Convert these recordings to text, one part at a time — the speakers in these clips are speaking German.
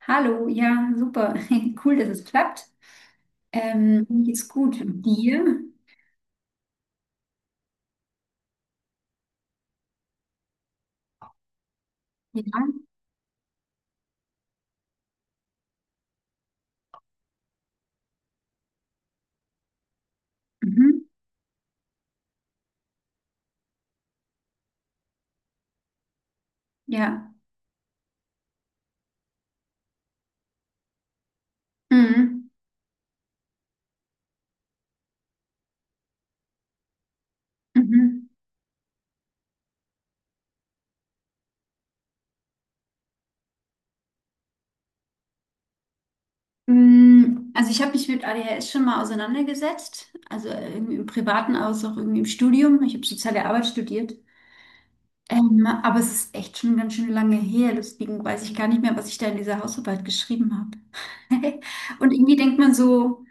Hallo, ja, super. Cool, dass es klappt. Mir geht's gut. Dir? Ja. Mhm. Ja. Mhm. Mhm. Also ich habe mich mit ADHS schon mal auseinandergesetzt, also irgendwie im Privaten aus, auch irgendwie im Studium. Ich habe soziale Arbeit studiert. Aber es ist echt schon ganz schön lange her, deswegen weiß ich gar nicht mehr, was ich da in dieser Hausarbeit geschrieben habe. Und irgendwie denkt man so.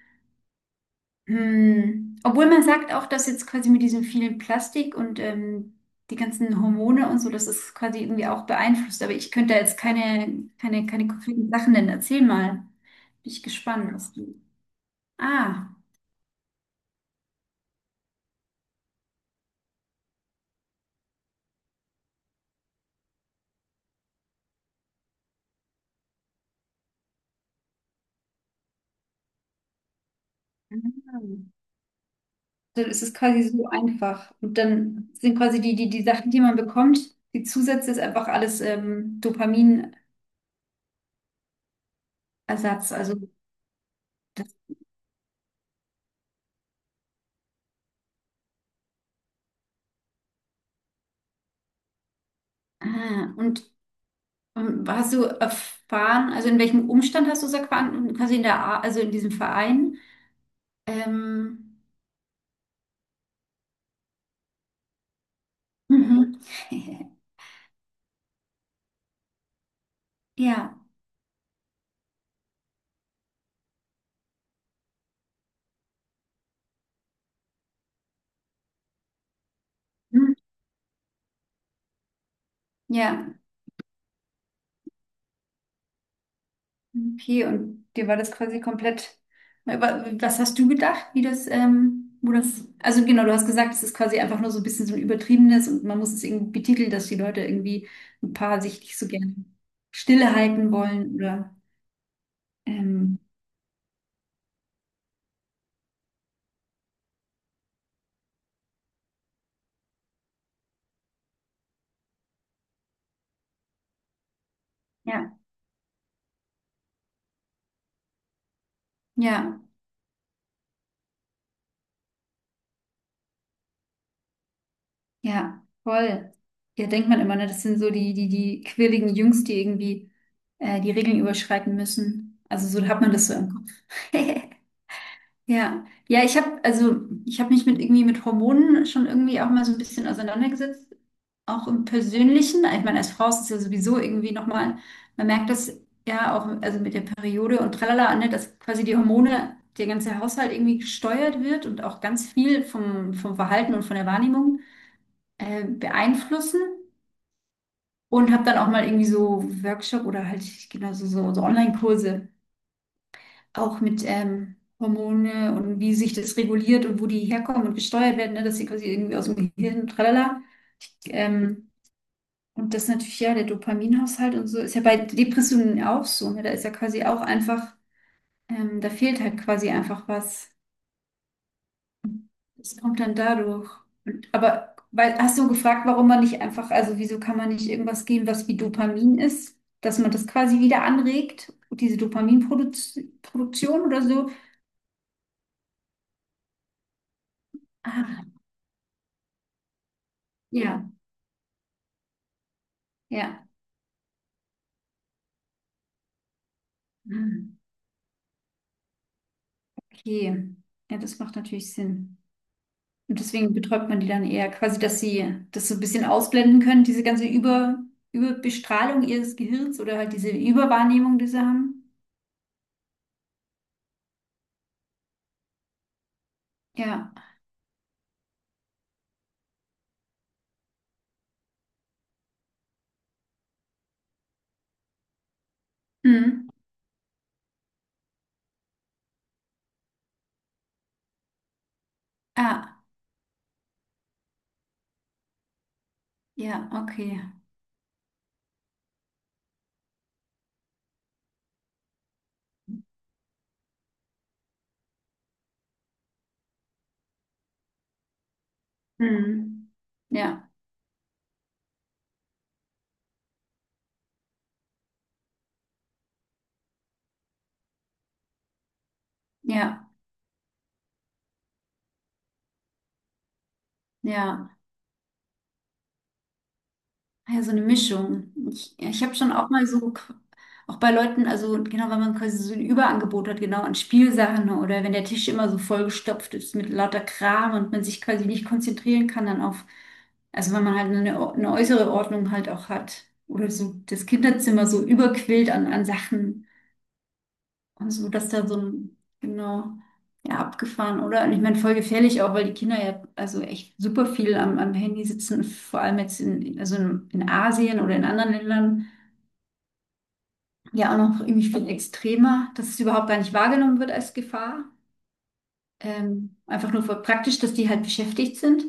Hm. Obwohl man sagt auch, dass jetzt quasi mit diesem vielen Plastik und die ganzen Hormone und so, dass es quasi irgendwie auch beeinflusst. Aber ich könnte da jetzt keine konkreten Sachen nennen. Erzähl mal. Bin ich gespannt, was du. Ah. Ah. Dann ist es quasi so einfach. Und dann sind quasi die Sachen, die man bekommt, die Zusätze ist einfach alles, Dopaminersatz. Also das, ah, und hast du erfahren, also in welchem Umstand hast du es erfahren? Quasi in der, also in diesem Verein? Ähm, mhm. Ja, hm, ja, okay. Und dir war das quasi komplett. Aber was hast du gedacht, wie das, wo das, also genau, du hast gesagt, es ist quasi einfach nur so ein bisschen so ein übertriebenes und man muss es irgendwie betiteln, dass die Leute irgendwie ein paar sich nicht so gerne stille halten wollen oder, ähm, ja, ja. Ja, voll. Ja, denkt man immer, ne? Das sind so die quirligen Jungs, die irgendwie die Regeln überschreiten müssen. Also so hat man das so im Kopf. Ja, ja, ich habe mich mit irgendwie mit Hormonen schon irgendwie auch mal so ein bisschen auseinandergesetzt, auch im Persönlichen. Ich meine, als Frau ist es ja sowieso irgendwie nochmal, man merkt das ja auch, also mit der Periode und tralala, ne, dass quasi die Hormone, der ganze Haushalt irgendwie gesteuert wird und auch ganz viel vom, vom Verhalten und von der Wahrnehmung beeinflussen und habe dann auch mal irgendwie so Workshop oder halt genau so Online-Kurse auch mit Hormone und wie sich das reguliert und wo die herkommen und gesteuert werden, ne, dass sie quasi irgendwie aus dem Gehirn, tralala. Ähm, und das natürlich, ja, der Dopaminhaushalt und so ist ja bei Depressionen auch so, ne? Da ist ja quasi auch einfach, da fehlt halt quasi einfach was. Das kommt dann dadurch. Und, aber weil, hast du gefragt, warum man nicht einfach, also wieso kann man nicht irgendwas geben, was wie Dopamin ist, dass man das quasi wieder anregt, diese Dopaminproduktion oder so? Ah, ja, ja. Hm. Okay. Ja, das macht natürlich Sinn. Und deswegen betäubt man die dann eher quasi, dass sie das so ein bisschen ausblenden können, diese ganze Über, Überbestrahlung ihres Gehirns oder halt diese Überwahrnehmung, die sie haben. Ja. Hm. Ah, ja, okay. Hm. Ja, ja, ja. Ah, ja, so eine Mischung. Ich habe schon auch mal so, qu- auch bei Leuten, also genau, wenn man quasi so ein Überangebot hat, genau, an Spielsachen oder wenn der Tisch immer so vollgestopft ist mit lauter Kram und man sich quasi nicht konzentrieren kann dann auf, also wenn man halt eine, eine äußere Ordnung halt auch hat. Oder so das Kinderzimmer so überquillt an, an Sachen. Also, dass da so ein, genau, ja, abgefahren, oder? Und ich meine, voll gefährlich auch, weil die Kinder ja, also echt super viel am, am Handy sitzen, vor allem jetzt in, also in Asien oder in anderen Ländern, ja, auch noch irgendwie viel extremer, dass es überhaupt gar nicht wahrgenommen wird als Gefahr. Einfach nur voll praktisch, dass die halt beschäftigt sind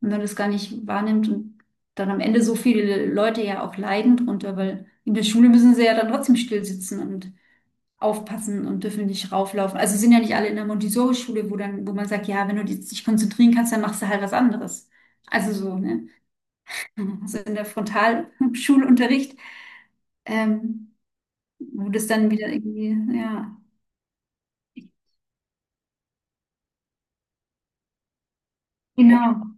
und man das gar nicht wahrnimmt und dann am Ende so viele Leute ja auch leiden drunter, weil in der Schule müssen sie ja dann trotzdem still sitzen und aufpassen und dürfen nicht rauflaufen. Also sind ja nicht alle in der Montessori-Schule, wo dann, wo man sagt, ja, wenn du dich nicht konzentrieren kannst, dann machst du halt was anderes. Also so, ne? Also in der Frontalschulunterricht, ähm, wo das dann wieder irgendwie, ja, genau.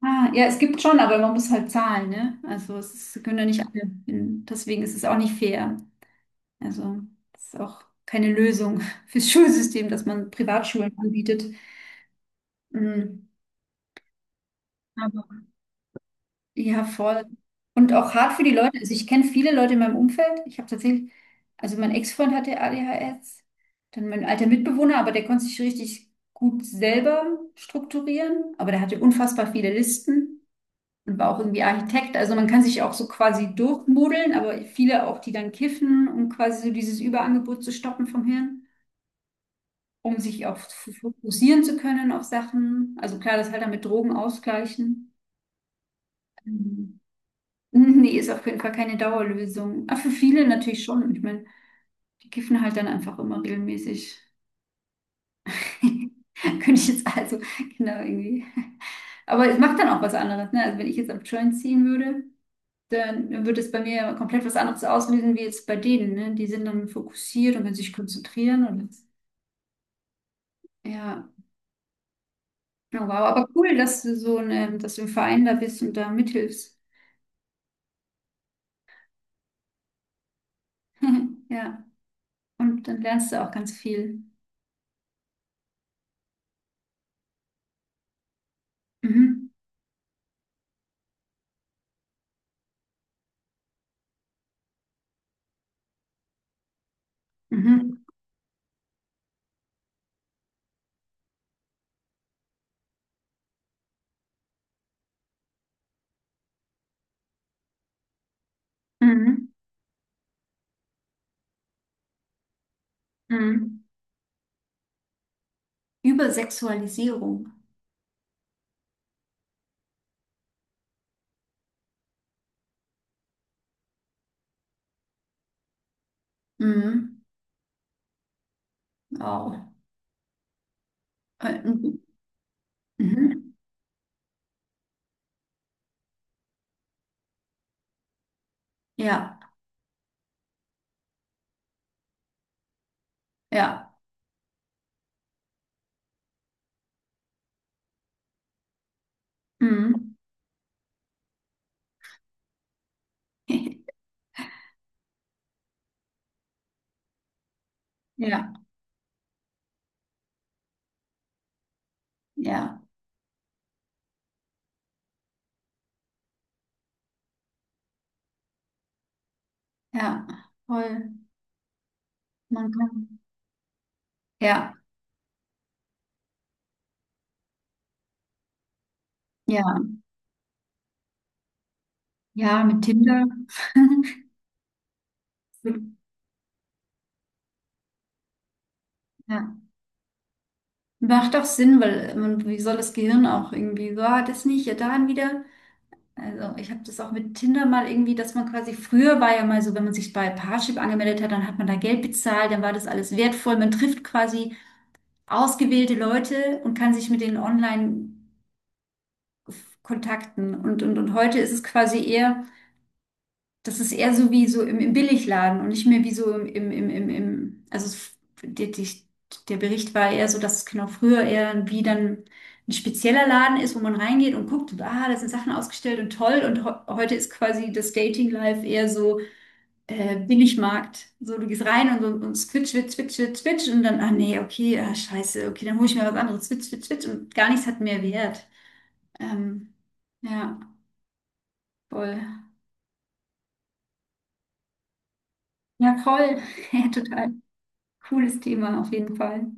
Ah, ja, es gibt schon, aber man muss halt zahlen, ne? Also es ist- können ja nicht alle, in, deswegen ist es auch nicht fair. Also es ist auch keine Lösung fürs Schulsystem, dass man Privatschulen anbietet. Mm. Ja, voll. Und auch hart für die Leute. Also ich kenne viele Leute in meinem Umfeld. Ich habe tatsächlich, also mein Ex-Freund hatte ADHS, dann mein alter Mitbewohner, aber der konnte sich richtig gut selber strukturieren, aber der hatte unfassbar viele Listen und war auch irgendwie Architekt. Also man kann sich auch so quasi durchmodeln, aber viele auch, die dann kiffen, um quasi so dieses Überangebot zu stoppen vom Hirn, um sich auch f- fokussieren zu können auf Sachen. Also klar, das halt dann mit Drogen ausgleichen. Ähm, Mhm, nee, ist auf jeden Fall keine Dauerlösung. Aber für viele natürlich schon. Ich meine, die kiffen halt dann einfach immer regelmäßig. Könnte ich jetzt also, genau, irgendwie. Aber es macht dann auch was anderes, ne? Also wenn ich jetzt am Joint ziehen würde, dann würde es bei mir ja komplett was anderes auslösen, wie jetzt bei denen, ne? Die sind dann fokussiert und können sich konzentrieren und ja. Oh, wow, aber cool, dass du so eine, dass du im Verein da bist und da mithilfst. Ja. Und dann lernst du auch ganz viel. Mhm. Mhm. Mhm. Mhm. Übersexualisierung. Mhm. Wow. Mhm. Mhm. Ja, ja. Mhm. Ja, ja, ja. Voll. Man kann. Ja, ja. Ja, mit Tinder. Ja. Macht doch Sinn, weil man, wie soll das Gehirn auch irgendwie, so, ah, das nicht, ja, dann wieder. Also ich habe das auch mit Tinder mal irgendwie, dass man quasi früher war ja mal so, wenn man sich bei Parship angemeldet hat, dann hat man da Geld bezahlt, dann war das alles wertvoll. Man trifft quasi ausgewählte Leute und kann sich mit denen online kontakten. Und, und heute ist es quasi eher, das ist eher so wie so im, im Billigladen und nicht mehr wie so im also es- die, die, der Bericht war eher so, dass es genau früher eher wie dann ein spezieller Laden ist, wo man reingeht und guckt und ah, da sind Sachen ausgestellt und toll. Und ho heute ist quasi das Dating-Life eher so, Billigmarkt. So, du gehst rein und, so und switch und dann, ah nee, okay, ah, scheiße, okay, dann hole ich mir was anderes, switch und gar nichts hat mehr Wert. Ähm, ja, voll. Ja, voll. Ja, total cooles Thema auf jeden Fall.